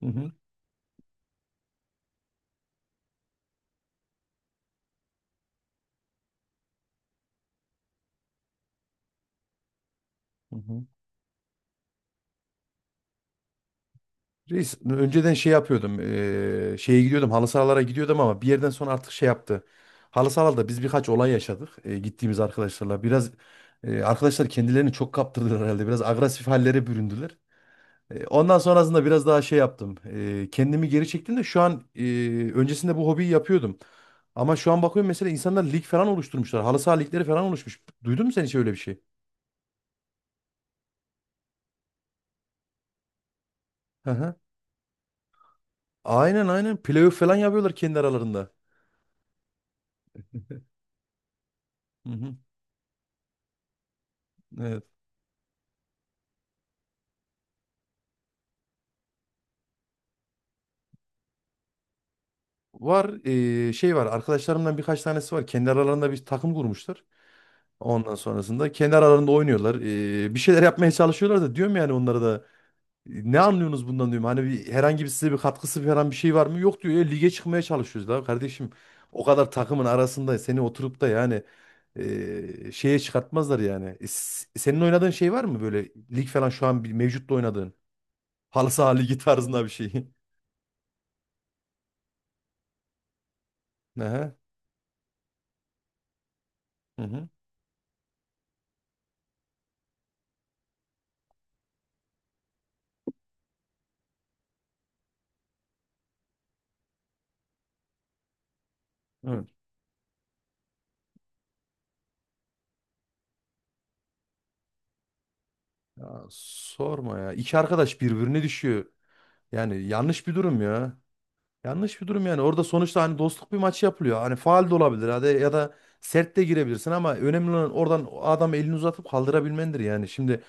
Hı hı. Hı hı. Reis önceden şey yapıyordum. Şeye gidiyordum. Halı sahalara gidiyordum ama bir yerden sonra artık şey yaptı. Halı sahalarda biz birkaç olay yaşadık. Gittiğimiz arkadaşlarla biraz arkadaşlar kendilerini çok kaptırdılar herhalde. Biraz agresif hallere büründüler. Ondan sonrasında biraz daha şey yaptım. Kendimi geri çektim de şu an öncesinde bu hobiyi yapıyordum. Ama şu an bakıyorum mesela insanlar lig falan oluşturmuşlar. Halı saha ligleri falan oluşmuş. Duydun mu sen hiç öyle bir şey? Hı hı. Aynen aynen. Playoff falan yapıyorlar kendi aralarında. Hı hı. Evet. Var şey var, arkadaşlarımdan birkaç tanesi var. Kendi aralarında bir takım kurmuşlar. Ondan sonrasında kendi aralarında oynuyorlar. Bir şeyler yapmaya çalışıyorlar da, diyorum yani onlara da: "E, ne anlıyorsunuz bundan, diyorum. Hani bir, herhangi bir size bir katkısı falan bir şey var mı? Yok, diyor, ya lige çıkmaya çalışıyoruz da kardeşim. O kadar takımın arasında seni oturup da yani şeye çıkartmazlar yani. E, senin oynadığın şey var mı, böyle lig falan şu an bir mevcutta oynadığın? Halı saha ligi tarzında bir şey. Aha, hı hı. Ya sorma ya. İki arkadaş birbirine düşüyor. Yani yanlış bir durum ya. Yanlış bir durum yani. Orada sonuçta hani dostluk bir maç yapılıyor. Hani faal de olabilir hadi, ya da sert de girebilirsin ama önemli olan oradan adam elini uzatıp kaldırabilmendir yani. Şimdi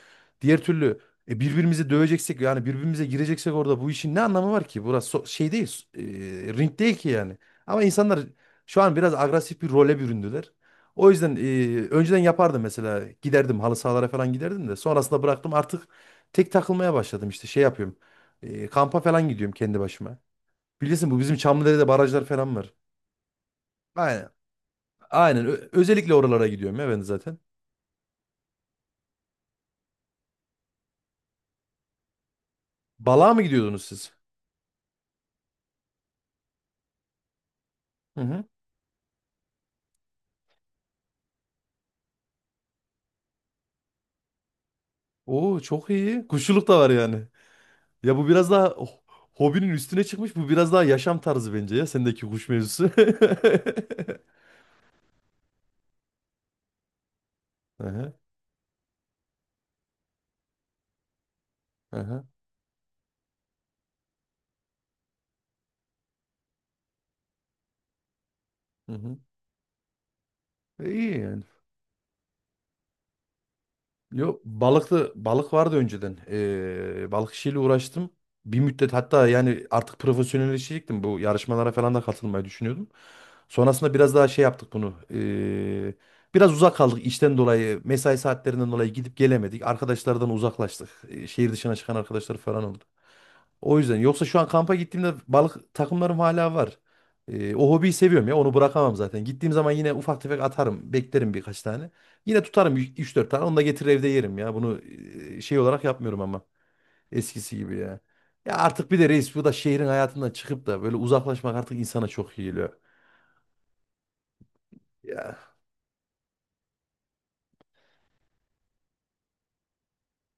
diğer türlü e, birbirimizi döveceksek yani birbirimize gireceksek orada bu işin ne anlamı var ki? Burası şey değil, e, ring değil ki yani. Ama insanlar şu an biraz agresif bir role büründüler. O yüzden e, önceden yapardım mesela, giderdim halı sahalara falan, giderdim de sonrasında bıraktım artık, tek takılmaya başladım, işte şey yapıyorum. E, kampa falan gidiyorum kendi başıma. Bilirsin, bu bizim Çamlıdere'de barajlar falan var. Aynen. Aynen. Özellikle oralara gidiyorum ya ben zaten. Balığa mı gidiyordunuz siz? Hı hı. Oo, çok iyi. Kuşçuluk da var yani. Ya bu biraz daha oh, hobinin üstüne çıkmış. Bu biraz daha yaşam tarzı bence ya. Sendeki kuş mevzusu. Aha aha. Hı hı. E, İyi yani. Yok, balıklı balık vardı önceden. Balık işiyle uğraştım. Bir müddet hatta, yani artık profesyonelleşecektim. Bu yarışmalara falan da katılmayı düşünüyordum. Sonrasında biraz daha şey yaptık bunu. Biraz uzak kaldık işten dolayı, mesai saatlerinden dolayı gidip gelemedik. Arkadaşlardan uzaklaştık. Şehir dışına çıkan arkadaşlar falan oldu. O yüzden, yoksa şu an kampa gittiğimde balık takımlarım hala var. O hobiyi seviyorum ya, onu bırakamam zaten. Gittiğim zaman yine ufak tefek atarım, beklerim birkaç tane. Yine tutarım üç dört tane, onu da getirir evde yerim ya. Bunu e, şey olarak yapmıyorum ama eskisi gibi ya. Ya artık bir de reis, bu da şehrin hayatından çıkıp da böyle uzaklaşmak artık insana çok iyi geliyor. Ya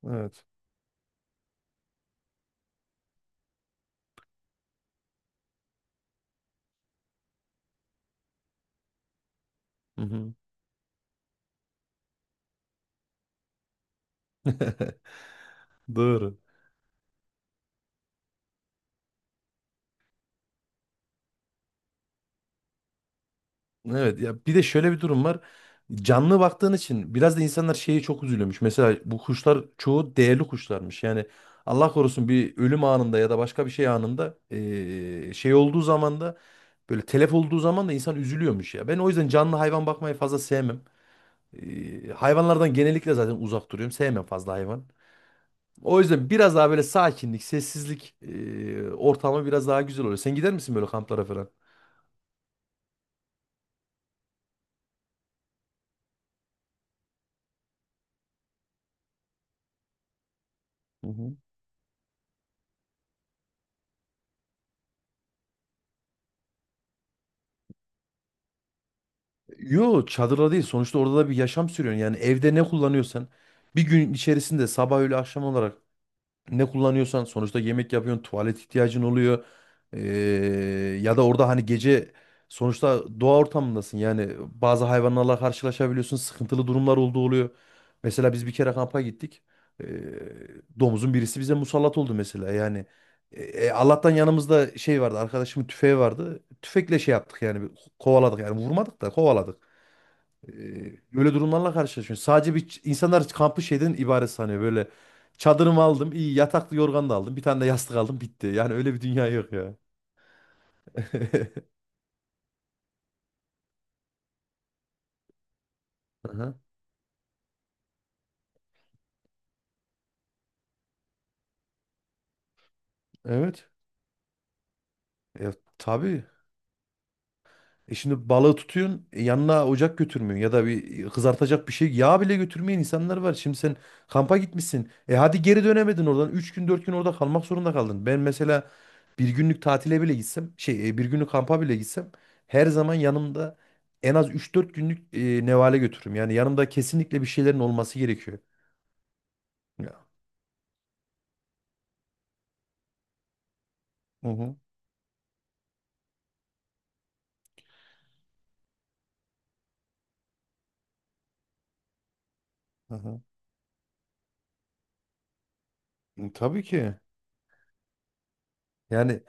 evet. Hı hı. Doğru. Evet, ya bir de şöyle bir durum var. Canlı baktığın için biraz da insanlar şeyi çok üzülüyormuş. Mesela bu kuşlar çoğu değerli kuşlarmış. Yani Allah korusun bir ölüm anında ya da başka bir şey anında şey olduğu zaman da, böyle telef olduğu zaman da insan üzülüyormuş ya. Ben o yüzden canlı hayvan bakmayı fazla sevmem. Hayvanlardan genellikle zaten uzak duruyorum. Sevmem fazla hayvan. O yüzden biraz daha böyle sakinlik, sessizlik ortamı biraz daha güzel oluyor. Sen gider misin böyle kamplara falan? Yo, çadırda değil. Sonuçta orada da bir yaşam sürüyorsun. Yani evde ne kullanıyorsan bir gün içerisinde, sabah öğle akşam olarak ne kullanıyorsan, sonuçta yemek yapıyorsun, tuvalet ihtiyacın oluyor. Ee, ya da orada hani gece sonuçta doğa ortamındasın. Yani bazı hayvanlarla karşılaşabiliyorsun. Sıkıntılı durumlar olduğu oluyor. Mesela biz bir kere kampa gittik. Ee, domuzun birisi bize musallat oldu mesela. Yani e, e, Allah'tan yanımızda şey vardı. Arkadaşımın tüfeği vardı. Tüfekle şey yaptık yani, kovaladık yani, vurmadık da kovaladık. Böyle durumlarla karşılaşıyorsun. Sadece bir insanlar kampı şeyden ibaret sanıyor. Böyle çadırımı aldım, iyi yataklı yorgan da aldım, bir tane de yastık aldım, bitti. Yani öyle bir dünya yok ya. Aha, evet. E, tabii. E şimdi balığı tutuyorsun, e, yanına ocak götürmüyorsun ya da bir e, kızartacak bir şey, yağ bile götürmeyen insanlar var. Şimdi sen kampa gitmişsin. E hadi, geri dönemedin oradan. Üç gün 4 gün orada kalmak zorunda kaldın. Ben mesela bir günlük tatile bile gitsem, şey, e, bir günlük kampa bile gitsem her zaman yanımda en az üç dört günlük e, nevale götürürüm. Yani yanımda kesinlikle bir şeylerin olması gerekiyor. Ya. Hı hı. Hı hı. E, tabii ki. Yani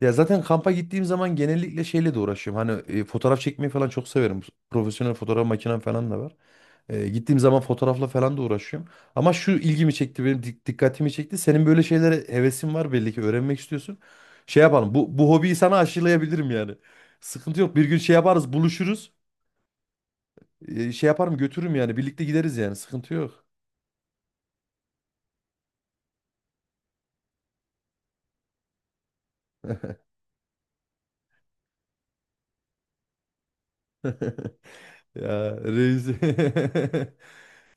ya zaten kampa gittiğim zaman genellikle şeyle de uğraşıyorum. Hani e, fotoğraf çekmeyi falan çok severim. Profesyonel fotoğraf makinem falan da var. E, gittiğim zaman fotoğrafla falan da uğraşıyorum. Ama şu ilgimi çekti, benim dikkatimi çekti. Senin böyle şeylere hevesin var, belli ki öğrenmek istiyorsun. Şey yapalım, bu, bu hobiyi sana aşılayabilirim yani. Sıkıntı yok, bir gün şey yaparız, buluşuruz. E, şey yaparım, götürürüm yani, birlikte gideriz yani, sıkıntı yok. Ya reis.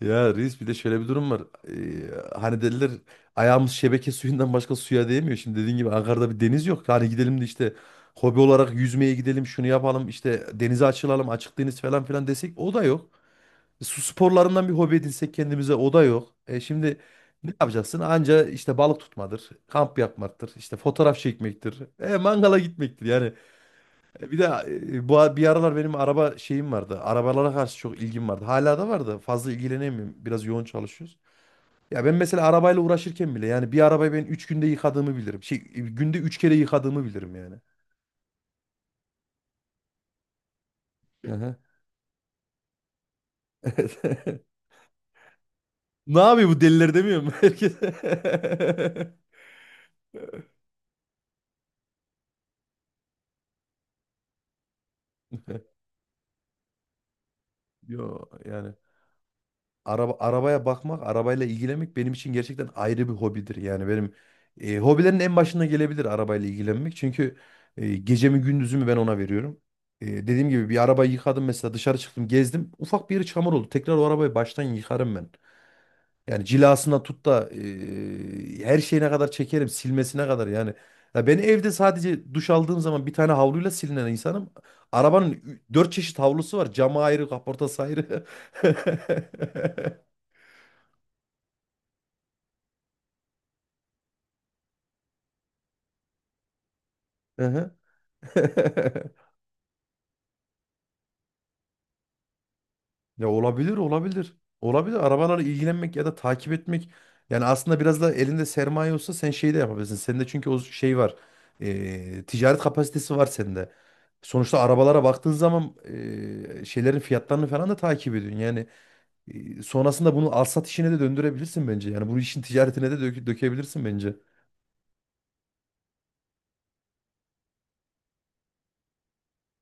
Ya reis, bir de şöyle bir durum var. Hani dediler, ayağımız şebeke suyundan başka suya değmiyor. Şimdi dediğin gibi Ankara'da bir deniz yok. Hani gidelim de işte hobi olarak yüzmeye gidelim, şunu yapalım işte, denize açılalım, açık deniz falan filan desek, o da yok. E, su sporlarından bir hobi edinsek kendimize, o da yok. E şimdi ne yapacaksın? Anca işte balık tutmadır, kamp yapmaktır, işte fotoğraf çekmektir, e, mangala gitmektir. Yani e, bir de e, bu bir aralar benim araba şeyim vardı. Arabalara karşı çok ilgim vardı. Hala da vardı. Fazla ilgilenemiyorum. Biraz yoğun çalışıyoruz. Ya ben mesela arabayla uğraşırken bile yani bir arabayı ben üç günde yıkadığımı bilirim. Şey, e, günde 3 kere yıkadığımı bilirim yani. Aha, evet. Ne yapıyor bu deliler demiyor mu herkes? Yo yani. Araba, arabaya bakmak, arabayla ilgilenmek benim için gerçekten ayrı bir hobidir. Yani benim e, hobilerin en başına gelebilir arabayla ilgilenmek. Çünkü e, gecemi gündüzümü ben ona veriyorum. E, dediğim gibi bir arabayı yıkadım mesela, dışarı çıktım, gezdim. Ufak bir yeri çamur oldu. Tekrar o arabayı baştan yıkarım ben. Yani cilasına tut da e, her şeyine kadar çekerim, silmesine kadar yani. Ya ben evde sadece duş aldığım zaman bir tane havluyla silinen insanım. Arabanın dört çeşit havlusu var. Camı ayrı, kaportası ayrı. Aha. Ya olabilir, olabilir. Olabilir. Arabalarla ilgilenmek ya da takip etmek. Yani aslında biraz da elinde sermaye olsa sen şey de yapabilirsin. Sende çünkü o şey var. Ticaret kapasitesi var sende. Sonuçta arabalara baktığın zaman şeylerin fiyatlarını falan da takip ediyorsun. Yani sonrasında bunu alsat işine de döndürebilirsin bence. Yani bu işin ticaretine de dökebilirsin bence.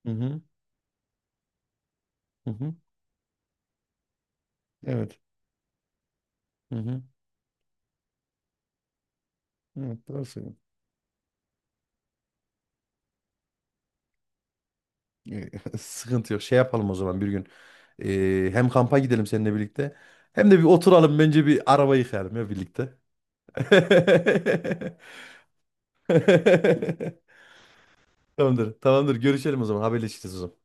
Hı hı. Hı hı. Evet. Hı hı. Evet, doğru söylüyorsun. Ee, sıkıntı yok. Şey yapalım o zaman bir gün. Hem kampa gidelim seninle birlikte. Hem de bir oturalım bence, bir araba yıkayalım ya birlikte. Tamamdır. Tamamdır. Görüşelim o zaman. Haberleşiriz o zaman.